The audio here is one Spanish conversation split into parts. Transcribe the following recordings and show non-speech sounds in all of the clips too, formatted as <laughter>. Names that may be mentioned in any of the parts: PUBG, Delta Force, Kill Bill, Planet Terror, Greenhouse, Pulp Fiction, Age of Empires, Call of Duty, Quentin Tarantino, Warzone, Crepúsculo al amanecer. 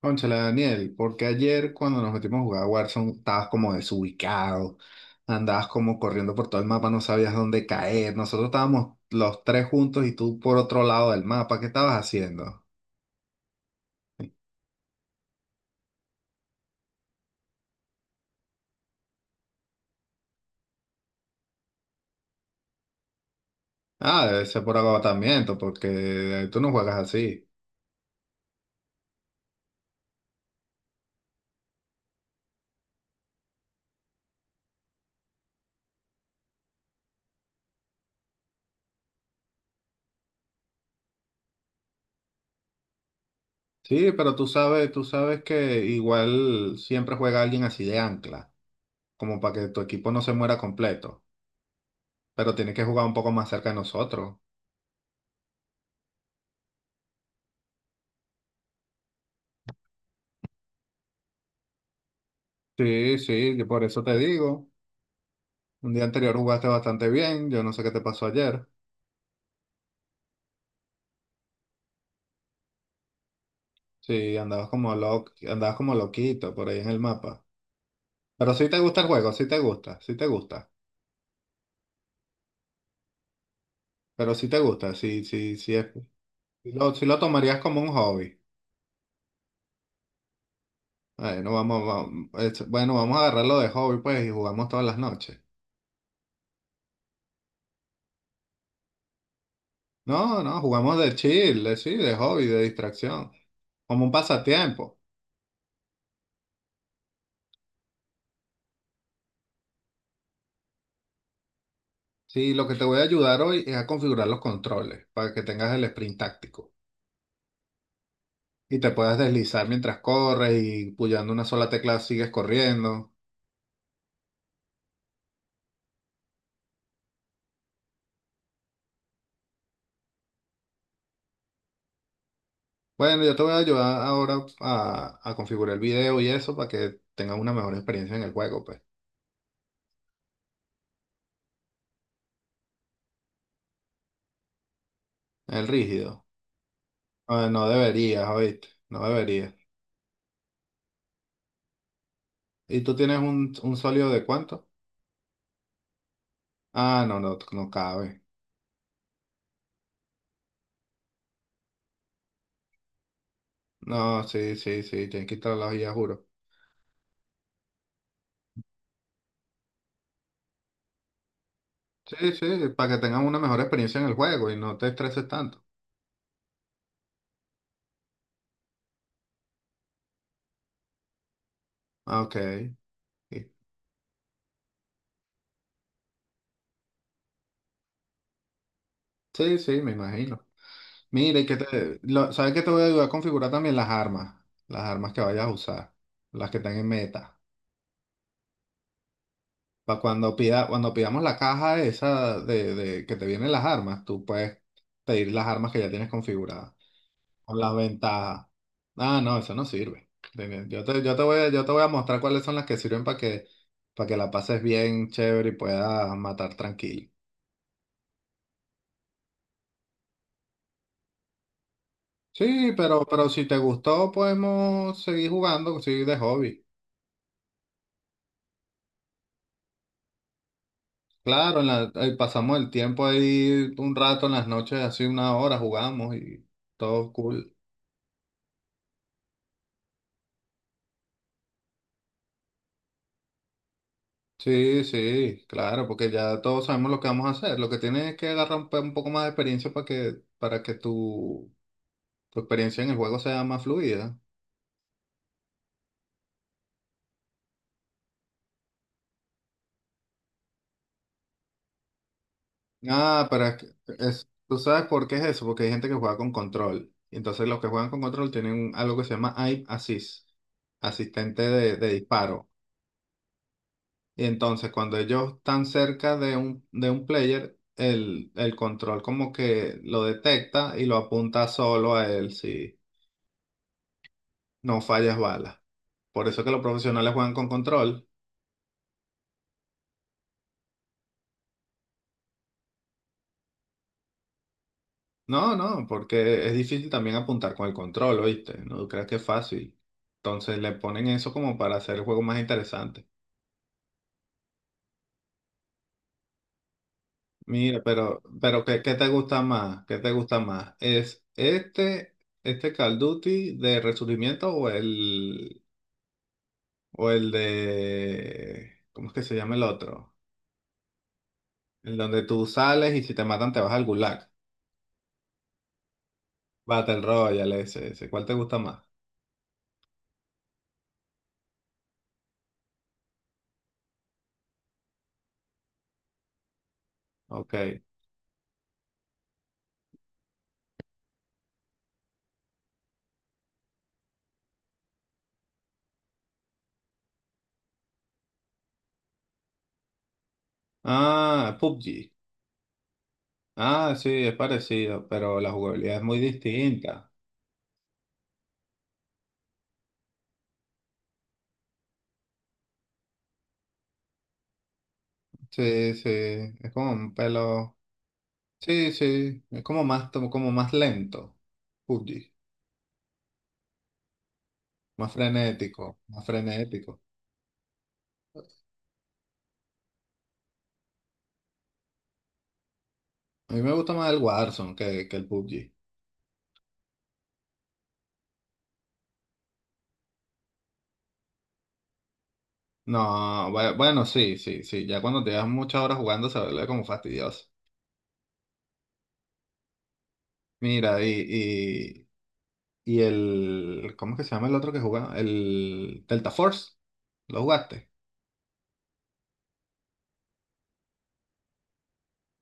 Cónchale, Daniel, porque ayer cuando nos metimos a jugar a Warzone estabas como desubicado, andabas como corriendo por todo el mapa, no sabías dónde caer. Nosotros estábamos los tres juntos y tú por otro lado del mapa, ¿qué estabas haciendo? Ah, debe ser por agotamiento, porque tú no juegas así. Sí, pero tú sabes que igual siempre juega alguien así de ancla, como para que tu equipo no se muera completo, pero tienes que jugar un poco más cerca de nosotros. Sí, sí, yo por eso te digo. Un día anterior jugaste bastante bien, yo no sé qué te pasó ayer. Sí, andabas como loquito por ahí en el mapa. Pero sí te gusta el juego, sí te gusta, sí te gusta. Pero sí te gusta, sí, sí, sí es. Sí lo tomarías como un hobby. Bueno, vamos, vamos, bueno, vamos a agarrarlo de hobby pues y jugamos todas las noches. No, no, jugamos de chill, de, sí, de hobby, de distracción, como un pasatiempo. Sí, lo que te voy a ayudar hoy es a configurar los controles para que tengas el sprint táctico. Y te puedes deslizar mientras corres y puyando una sola tecla sigues corriendo. Bueno, yo te voy a ayudar ahora a configurar el video y eso para que tengas una mejor experiencia en el juego, pues. El rígido. Ah, no deberías, ¿oíste? No deberías. ¿Y tú tienes un sólido de cuánto? Ah, no, no, no cabe. No, sí, sí, sí, tienes que instalar las guías, juro. Sí, sí, para que tengan una mejor experiencia en el juego y no te estreses tanto. Ah, ok. Sí, sí, sí, me imagino. Mire, ¿sabes que te voy a ayudar a configurar también las armas? Las armas que vayas a usar, las que están en meta. Para cuando cuando pidamos la caja esa de que te vienen las armas, tú puedes pedir las armas que ya tienes configuradas, con las ventajas. Ah, no, eso no sirve. Ven, yo te voy a, yo te voy a mostrar cuáles son las que sirven para que la pases bien, chévere y puedas matar tranquilo. Sí, pero si te gustó, podemos seguir jugando, sí, de hobby. Claro, ahí pasamos el tiempo ahí un rato en las noches, así una hora jugamos y todo cool. Sí, sí, claro, porque ya todos sabemos lo que vamos a hacer. Lo que tienes es que agarrar un poco más de experiencia para que tu experiencia en el juego sea más fluida. Ah, tú sabes por qué es eso, porque hay gente que juega con control. Y entonces los que juegan con control tienen algo que se llama aim assist, asistente de disparo. Y entonces cuando ellos están cerca de de un player, el control como que lo detecta y lo apunta solo a él, si no fallas balas. Por eso que los profesionales juegan con control. No, no, porque es difícil también apuntar con el control, ¿oíste? No creas que es fácil. Entonces le ponen eso como para hacer el juego más interesante. Mira, pero qué te gusta más? ¿Qué te gusta más? Este Call of Duty de Resurgimiento o el O el de... ¿Cómo es que se llama el otro? El donde tú sales y si te matan te vas al gulag. Battle Royale, ese, ese. ¿Cuál te gusta más? Ok. Ah, PUBG. Ah, sí, es parecido, pero la jugabilidad es muy distinta. Sí, sí, es como un pelo... Sí, sí, como más lento. PUBG. Más frenético, más frenético. A mí me gusta más el Warzone que el PUBG. No, bueno, sí, sí, sí. Ya cuando te das muchas horas jugando se vuelve como fastidioso. Mira, y el, ¿cómo es que se llama el otro que jugaba? El Delta Force, ¿lo jugaste?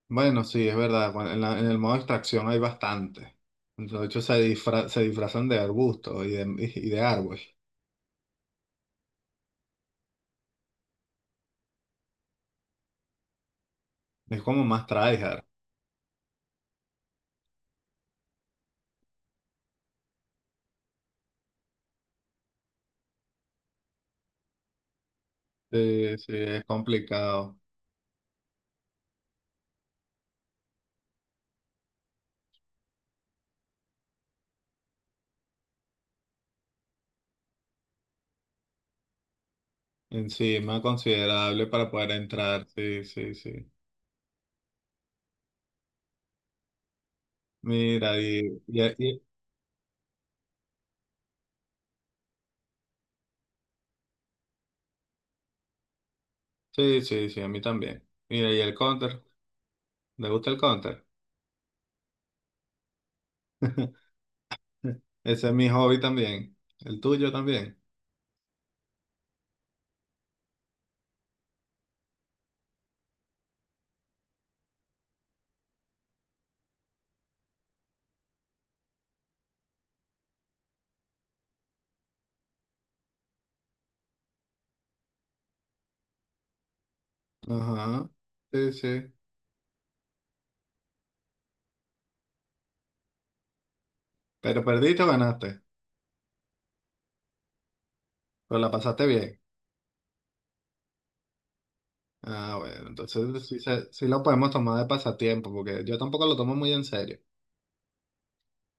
Bueno, sí, es verdad. En el modo extracción hay bastante. De hecho, se disfrazan de arbustos y de, <laughs> y de árbol. Es como más tryhard. Sí, sí, es complicado. Encima, considerable para poder entrar. Sí, sí, sí. Mira, y, Sí, sí, sí, a mí también. Mira, y el counter, ¿le gusta el counter? <laughs> Ese es mi hobby también. El tuyo también. Ajá. Sí, sí. Pero perdiste o ganaste. Pero la pasaste bien. Ah, bueno, entonces sí, sí lo podemos tomar de pasatiempo, porque yo tampoco lo tomo muy en serio.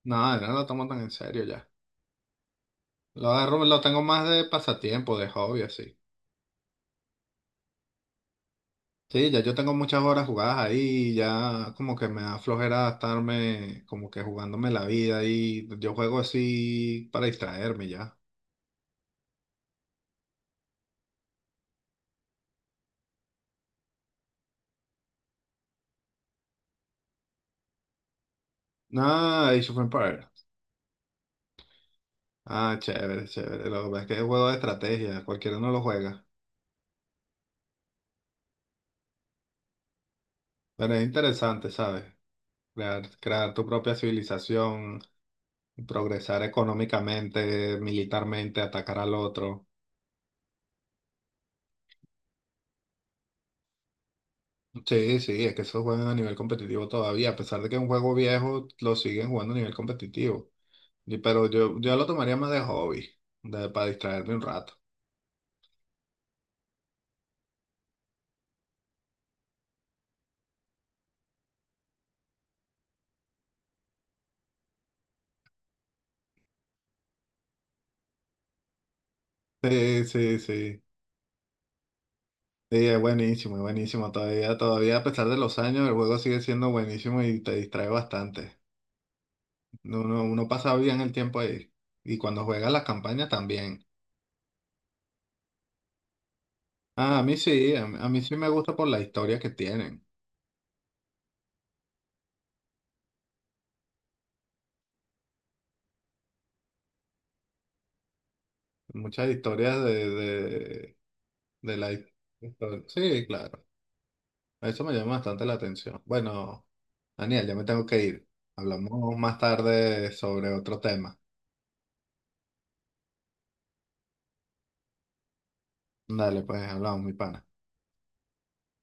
No, yo no lo tomo tan en serio ya. Lo agarro, lo tengo más de pasatiempo, de hobby, así. Sí, ya yo tengo muchas horas jugadas ahí, ya como que me da flojera estarme como que jugándome la vida y yo juego así para distraerme ya. Ah, Age of Empires. Ah, chévere, chévere. Lo que pasa es que es juego de estrategia, cualquiera no lo juega. Pero es interesante, ¿sabes? Crear, crear tu propia civilización, progresar económicamente, militarmente, atacar al otro. Sí, sí, es que esos juegan a nivel competitivo todavía, a pesar de que es un juego viejo, lo siguen jugando a nivel competitivo. Pero yo lo tomaría más de hobby, para distraerme un rato. Sí, sí, sí. Sí, es buenísimo, es buenísimo. Todavía, todavía a pesar de los años, el juego sigue siendo buenísimo y te distrae bastante. Uno pasa bien el tiempo ahí. Y cuando juegas las campañas también. Ah, a mí sí, a mí sí me gusta por la historia que tienen. Muchas historias de Sí, claro. Eso me llama bastante la atención. Bueno, Daniel, ya me tengo que ir. Hablamos más tarde sobre otro tema. Dale, pues hablamos, mi pana.